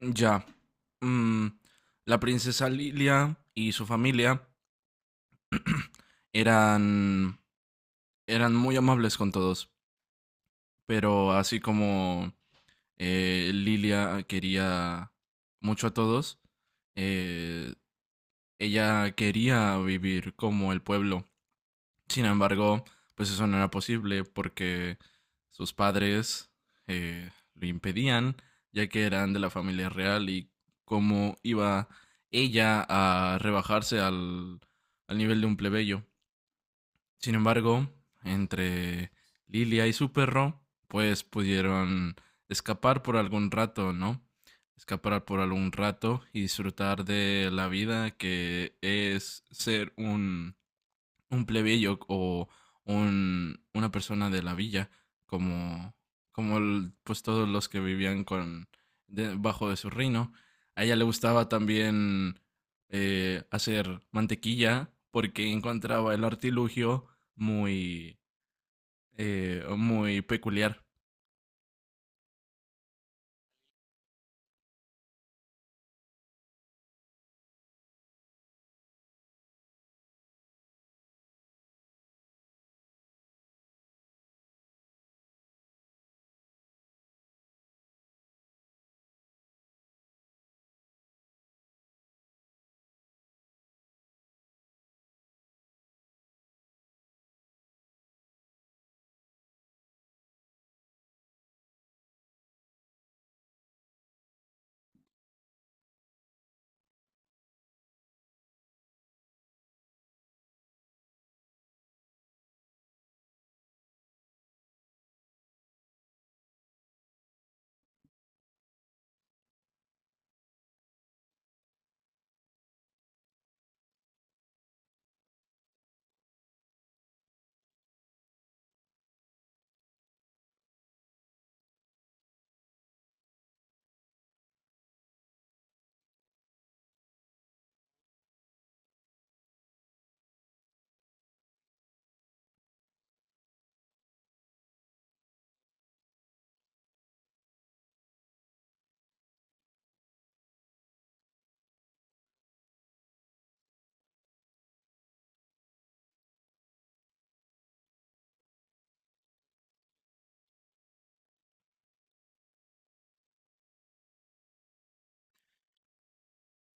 Ya. Mm, la princesa Lilia y su familia eran, eran muy amables con todos, pero así como Lilia quería mucho a todos, eh, ella quería vivir como el pueblo. Sin embargo, pues eso no era posible porque sus padres lo impedían, ya que eran de la familia real y cómo iba ella a rebajarse al nivel de un plebeyo. Sin embargo, entre Lilia y su perro, pues pudieron escapar por algún rato, ¿no? Escapar por algún rato y disfrutar de la vida que es ser un plebeyo o una persona de la villa, como, como pues todos los que vivían con, de- bajo de su reino. A ella le gustaba también hacer mantequilla porque encontraba el artilugio muy, muy peculiar.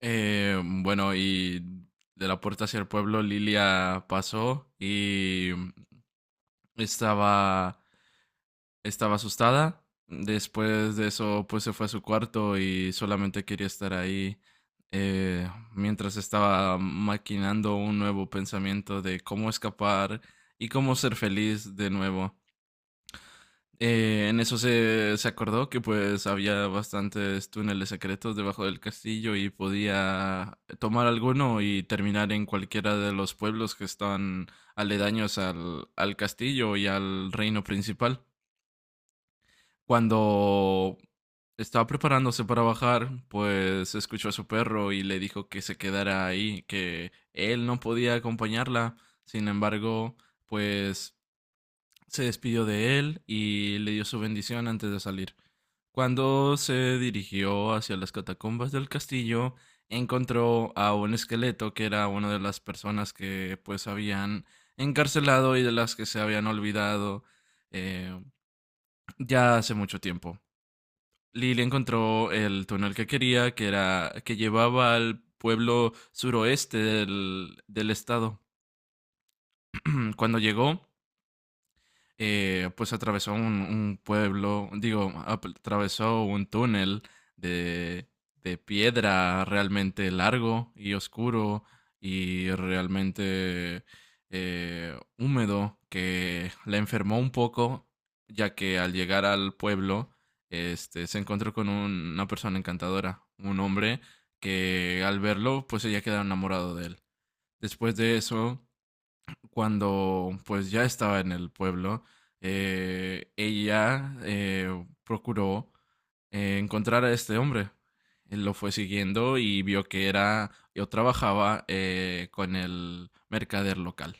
Bueno, y de la puerta hacia el pueblo Lilia pasó y estaba estaba asustada. Después de eso, pues se fue a su cuarto y solamente quería estar ahí, eh, mientras estaba maquinando un nuevo pensamiento de cómo escapar y cómo ser feliz de nuevo. En eso se acordó que pues había bastantes túneles secretos debajo del castillo y podía tomar alguno y terminar en cualquiera de los pueblos que están aledaños al castillo y al reino principal. Cuando estaba preparándose para bajar, pues escuchó a su perro y le dijo que se quedara ahí, que él no podía acompañarla. Sin embargo, pues se despidió de él y le dio su bendición antes de salir. Cuando se dirigió hacia las catacumbas del castillo, encontró a un esqueleto que era una de las personas que pues habían encarcelado y de las que se habían olvidado, eh, ya hace mucho tiempo. Lily encontró el túnel que quería, que era que llevaba al pueblo suroeste del estado. Cuando llegó, pues atravesó un pueblo, digo, atravesó un túnel de, de piedra realmente largo y oscuro y realmente húmedo que la enfermó un poco, ya que al llegar al pueblo este, se encontró con una persona encantadora, un hombre que al verlo pues ella quedó enamorado de él. Después de eso, cuando pues ya estaba en el pueblo, ella procuró encontrar a este hombre. Él lo fue siguiendo y vio que era o trabajaba con el mercader local.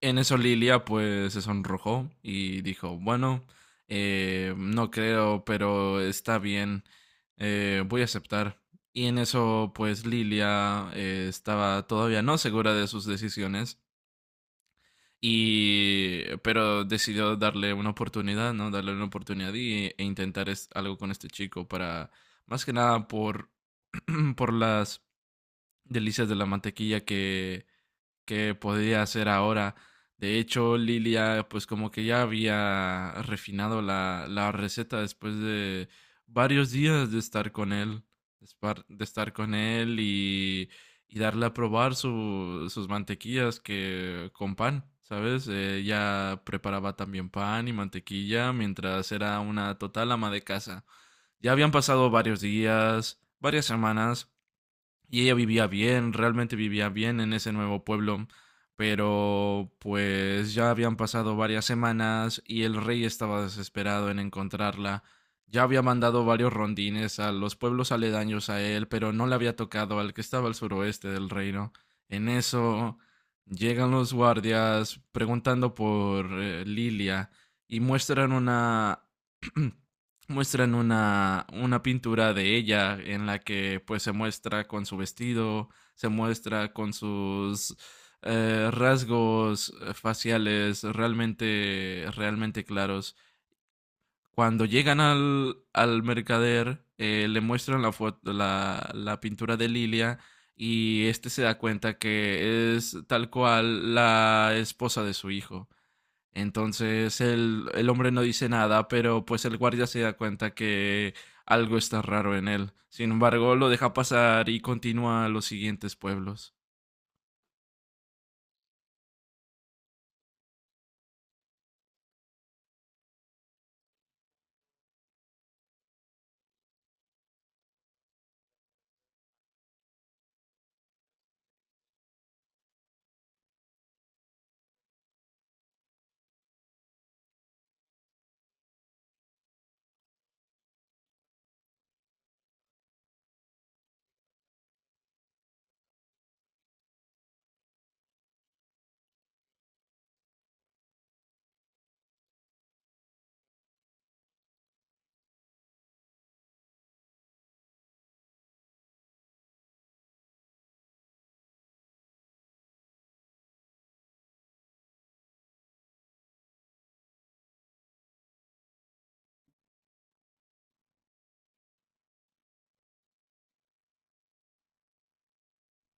En eso Lilia pues se sonrojó y dijo, bueno, no creo, pero está bien, voy a aceptar. Y en eso pues Lilia estaba todavía no segura de sus decisiones. Y, pero decidió darle una oportunidad, ¿no? Darle una oportunidad y, e intentar algo con este chico para, más que nada por, por las delicias de la mantequilla que podía hacer ahora. De hecho, Lilia, pues como que ya había refinado la receta después de varios días de estar con él, de de estar con él y darle a probar sus mantequillas que con pan, ¿sabes? Ella preparaba también pan y mantequilla mientras era una total ama de casa. Ya habían pasado varios días, varias semanas, y ella vivía bien, realmente vivía bien en ese nuevo pueblo, pero pues ya habían pasado varias semanas y el rey estaba desesperado en encontrarla. Ya había mandado varios rondines a los pueblos aledaños a él, pero no le había tocado al que estaba al suroeste del reino. En eso llegan los guardias preguntando por Lilia y muestran una muestran una pintura de ella en la que pues se muestra con su vestido, se muestra con sus rasgos faciales realmente claros. Cuando llegan al mercader, le muestran foto, la pintura de Lilia y este se da cuenta que es tal cual la esposa de su hijo. Entonces el hombre no dice nada, pero pues el guardia se da cuenta que algo está raro en él. Sin embargo, lo deja pasar y continúa a los siguientes pueblos.